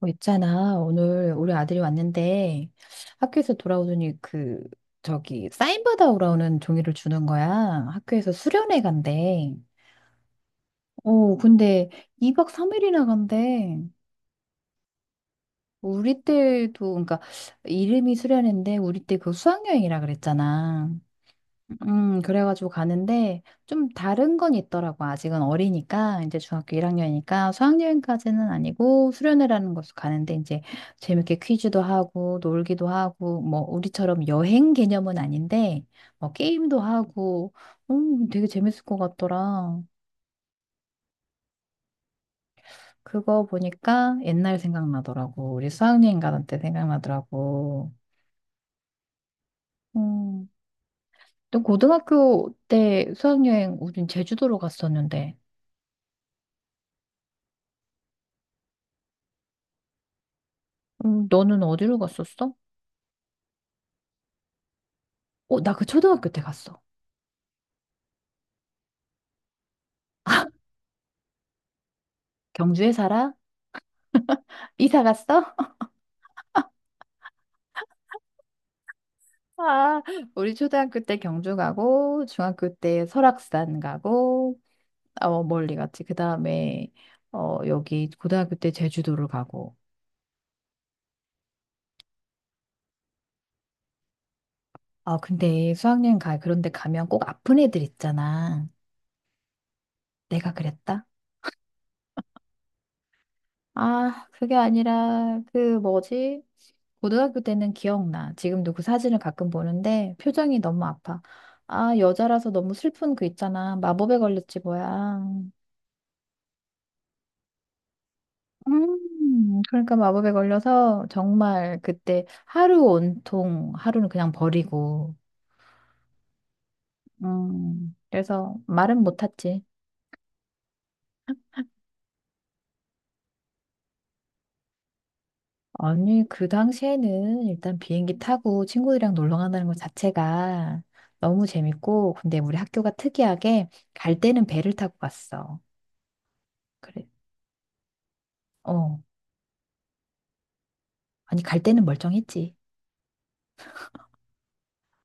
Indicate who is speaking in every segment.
Speaker 1: 어, 있잖아. 오늘 우리 아들이 왔는데 학교에서 돌아오더니 그 저기 사인 받아오라 는 종이를 주는 거야. 학교에서 수련회 간대. 어, 근데 2박 3일이나 간대. 우리 때도 그러니까 이름이 수련회인데 우리 때 그 수학여행이라 그랬잖아. 그래가지고 가는데 좀 다른 건 있더라고. 아직은 어리니까 이제 중학교 1학년이니까 수학여행까지는 아니고 수련회라는 곳을 가는데 이제 재밌게 퀴즈도 하고 놀기도 하고 뭐 우리처럼 여행 개념은 아닌데 뭐 게임도 하고 되게 재밌을 것 같더라. 그거 보니까 옛날 생각나더라고. 우리 수학여행 가던 때 생각나더라고. 음, 또 고등학교 때 수학여행 우린 제주도로 갔었는데. 너는 어디로 갔었어? 어, 나 그 초등학교 때 갔어. 경주에 살아? 이사 갔어? 아, 우리 초등학교 때 경주 가고, 중학교 때 설악산 가고, 어, 멀리 갔지. 그 다음에, 어, 여기 고등학교 때 제주도를 가고. 아, 근데 수학여행 가, 그런데 가면 꼭 아픈 애들 있잖아. 내가 그랬다? 아, 그게 아니라, 그 뭐지? 고등학교 때는 기억나. 지금도 그 사진을 가끔 보는데 표정이 너무 아파. 아, 여자라서 너무 슬픈 그 있잖아. 마법에 걸렸지 뭐야. 그러니까 마법에 걸려서 정말 그때 하루 온통 하루는 그냥 버리고. 그래서 말은 못했지. 아니, 그 당시에는 일단 비행기 타고 친구들이랑 놀러 간다는 것 자체가 너무 재밌고, 근데 우리 학교가 특이하게 갈 때는 배를 타고 갔어. 그래. 어. 아니, 갈 때는 멀쩡했지.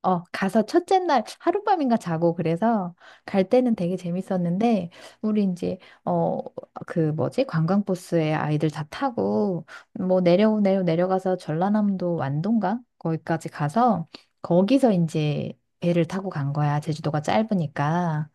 Speaker 1: 어, 가서 첫째 날 하룻밤인가 자고 그래서 갈 때는 되게 재밌었는데 우리 이제 어, 그 뭐지? 관광버스에 아이들 다 타고 뭐 내려가서 전라남도 완도인가? 거기까지 가서 거기서 이제 배를 타고 간 거야. 제주도가 짧으니까.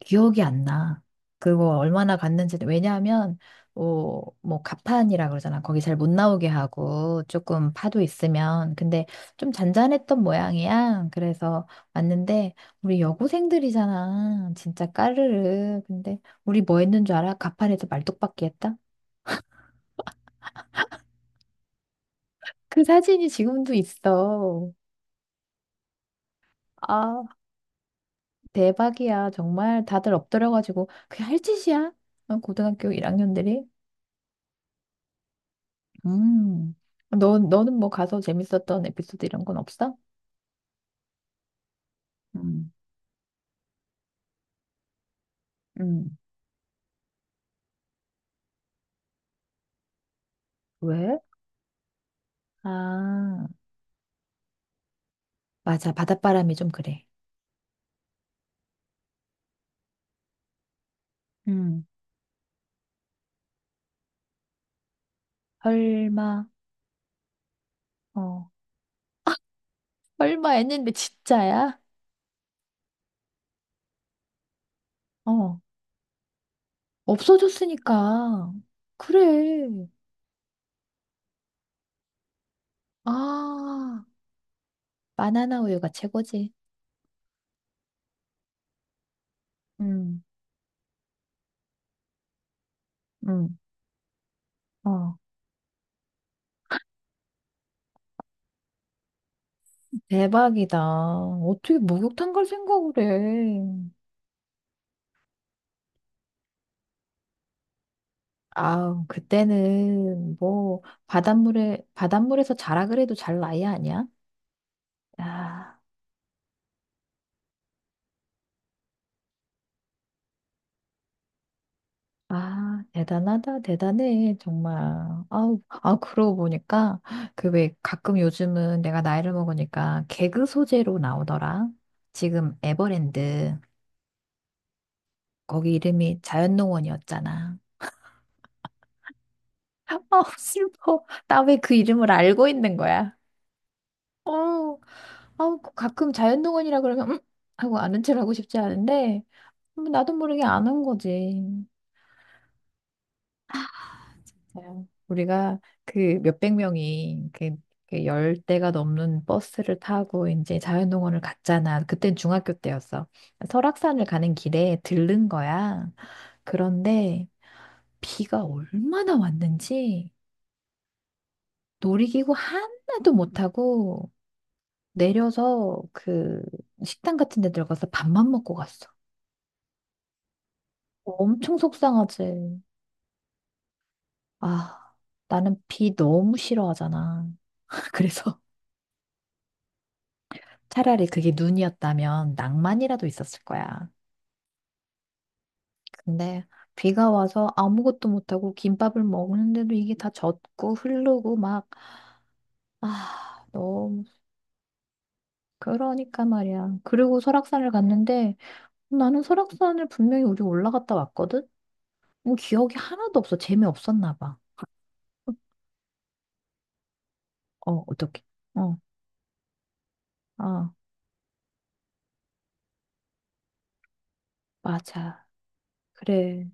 Speaker 1: 기억이 안 나. 그거 얼마나 갔는지, 왜냐하면, 어, 뭐, 가판이라 그러잖아. 거기 잘 못 나오게 하고, 조금 파도 있으면. 근데 좀 잔잔했던 모양이야. 그래서 왔는데, 우리 여고생들이잖아. 진짜 까르르. 근데, 우리 뭐 했는 줄 알아? 가판에서 말뚝박기 했다? 그 사진이 지금도 있어. 아, 대박이야. 정말 다들 엎드려가지고, 그게 할 짓이야? 어, 고등학교 1학년들이? 음. 너, 너는 뭐 가서 재밌었던 에피소드 이런 건 없어? 음. 음. 왜? 아, 맞아. 바닷바람이 좀 그래. 음. 설마, 어, 설마 했는데 진짜야? 어, 없어졌으니까. 그래. 아, 바나나 우유가 최고지. 음. 응. 어, 대박이다. 어떻게 목욕탕 갈 생각을 해. 아, 그때는 뭐 바닷물에서 자라 그래도 잘 나이 아니야? 아, 아, 대단하다, 대단해, 정말. 아우, 아, 그러고 보니까 그 왜 가끔 요즘은 내가 나이를 먹으니까 개그 소재로 나오더라. 지금 에버랜드 거기 이름이 자연농원이었잖아. 아, 슬퍼. 나 왜 그 이름을 알고 있는 거야? 어. 아우, 가끔 자연동원이라 그러면, 음? 하고 아는 척 하고 싶지 않은데, 나도 모르게 아는 거지. 자, 우리가 그 몇백 명이 그, 그 열대가 넘는 버스를 타고 이제 자연동원을 갔잖아. 그땐 중학교 때였어. 설악산을 가는 길에 들른 거야. 그런데 비가 얼마나 왔는지 놀이기구 하나도 못 타고 내려서 그 식당 같은 데 들어가서 밥만 먹고 갔어. 엄청 속상하지. 아, 나는 비 너무 싫어하잖아. 그래서 차라리 그게 눈이었다면 낭만이라도 있었을 거야. 근데 비가 와서 아무것도 못하고 김밥을 먹는데도 이게 다 젖고 흐르고 막, 아, 너무, 그러니까 말이야. 그리고 설악산을 갔는데 나는 설악산을 분명히 우리 올라갔다 왔거든? 뭐 기억이 하나도 없어. 재미없었나 봐. 어, 어떡해. 어, 아, 맞아. 그래.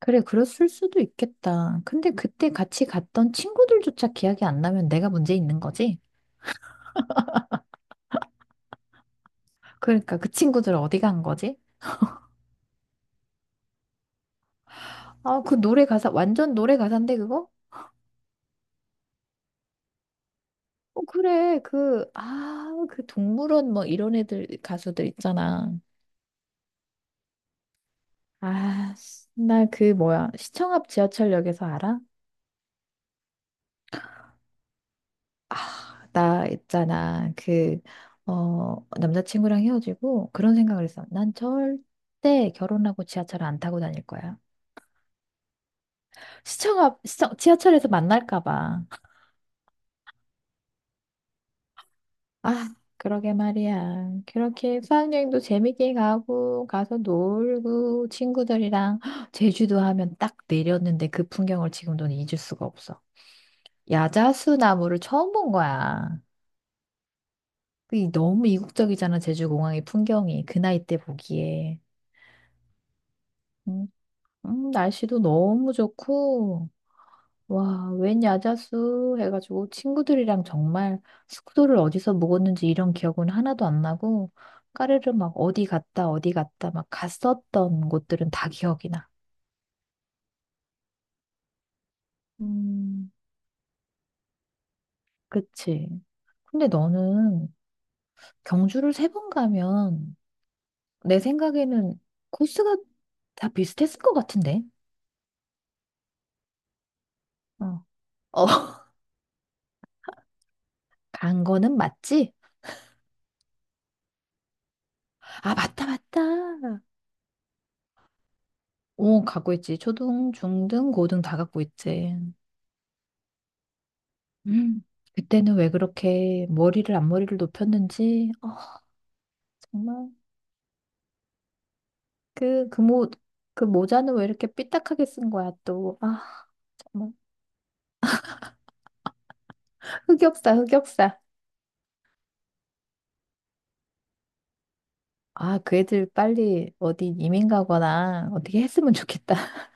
Speaker 1: 그래, 그랬을 수도 있겠다. 근데 그때 같이 갔던 친구들조차 기억이 안 나면 내가 문제 있는 거지? 그러니까 그 친구들 어디 간 거지? 아, 그 노래 가사, 완전 노래 가사인데 그거? 어, 그래, 그, 아, 그 동물원 뭐 이런 애들, 가수들 있잖아. 아, 나 그 뭐야, 시청 앞 지하철역에서 알아? 나 있잖아, 그, 어, 남자친구랑 헤어지고 그런 생각을 했어. 난 절대 결혼하고 지하철 안 타고 다닐 거야. 시청 앞, 시청, 지하철에서 만날까 봐. 아, 그러게 말이야. 그렇게 수학여행도 재밌게 가고, 가서 놀고, 친구들이랑 제주도 하면 딱 내렸는데 그 풍경을 지금도 잊을 수가 없어. 야자수 나무를 처음 본 거야. 그 너무 이국적이잖아, 제주공항의 풍경이. 그 나이 때 보기에. 음, 날씨도 너무 좋고, 와, 웬 야자수 해가지고 친구들이랑 정말 숙소를 어디서 묵었는지 이런 기억은 하나도 안 나고 까르르 막 어디 갔다 어디 갔다 막 갔었던 곳들은 다 기억이 나. 음, 그치. 근데 너는 경주를 세 번 가면 내 생각에는 코스가 다 비슷했을 것 같은데. 어. 어, 간 거는 맞지? 아, 맞다, 맞다. 오, 갖고 있지. 초등, 중등, 고등 다 갖고 있지. 음, 그때는 왜 그렇게 머리를 앞머리를 높였는지, 아, 정말 그 그 모자는 왜 이렇게 삐딱하게 쓴 거야, 또. 아, 정말 흑역사, 흑역사. 아, 그 애들 빨리 어디 이민 가거나 어떻게 했으면 좋겠다.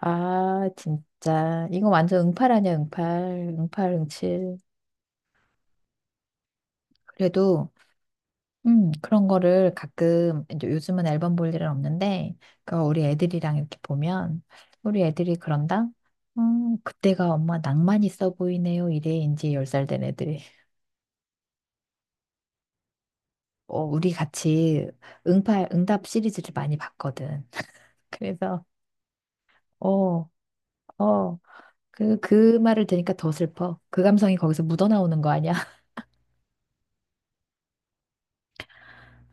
Speaker 1: 아, 진짜. 이거 완전 응팔 아니야, 응팔. 응팔, 응칠. 그래도 그런 거를 가끔, 이제 요즘은 앨범 볼 일은 없는데, 그 우리 애들이랑 이렇게 보면, 우리 애들이 그런다? 그때가 엄마 낭만 있어 보이네요. 이래, 이제 10살 된 애들이. 어, 우리 같이 응팔, 응답 시리즈를 많이 봤거든. 그래서, 어, 어, 그, 그 말을 들으니까 더 슬퍼. 그 감성이 거기서 묻어나오는 거 아니야?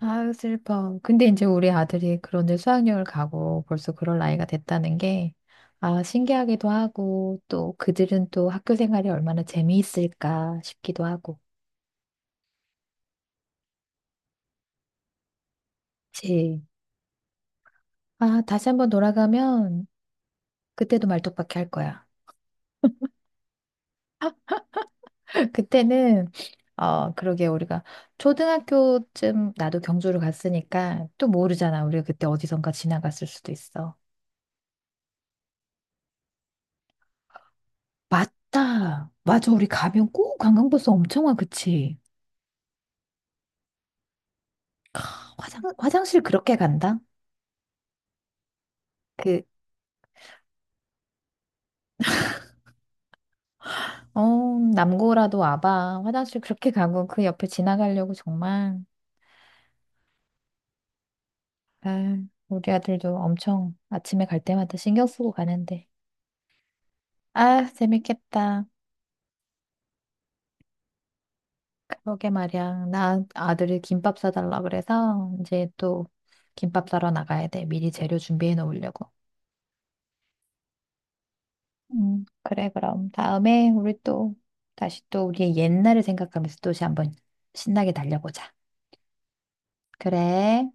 Speaker 1: 아유, 슬퍼. 근데 이제 우리 아들이 그런 이제 수학여행을 가고 벌써 그럴 나이가 됐다는 게, 아, 신기하기도 하고, 또 그들은 또 학교 생활이 얼마나 재미있을까 싶기도 하고. 그치. 아, 다시 한번 돌아가면 그때도 말뚝박기 할 거야. 그때는, 어, 그러게 우리가 초등학교쯤 나도 경주를 갔으니까 또 모르잖아. 우리가 그때 어디선가 지나갔을 수도 있어. 맞다. 맞아. 우리 가면 꼭 관광버스 엄청 와. 그치? 화장실 그렇게 간다? 그, 어, 남고라도 와봐. 화장실 그렇게 가고 그 옆에 지나가려고 정말. 아, 우리 아들도 엄청 아침에 갈 때마다 신경 쓰고 가는데. 아, 재밌겠다. 그러게 말이야. 나 아들이 김밥 사달라 그래서 이제 또 김밥 사러 나가야 돼. 미리 재료 준비해 놓으려고. 그래, 그럼. 다음에 우리 또 다시 또 우리의 옛날을 생각하면서 또 다시 한번 신나게 달려보자. 그래.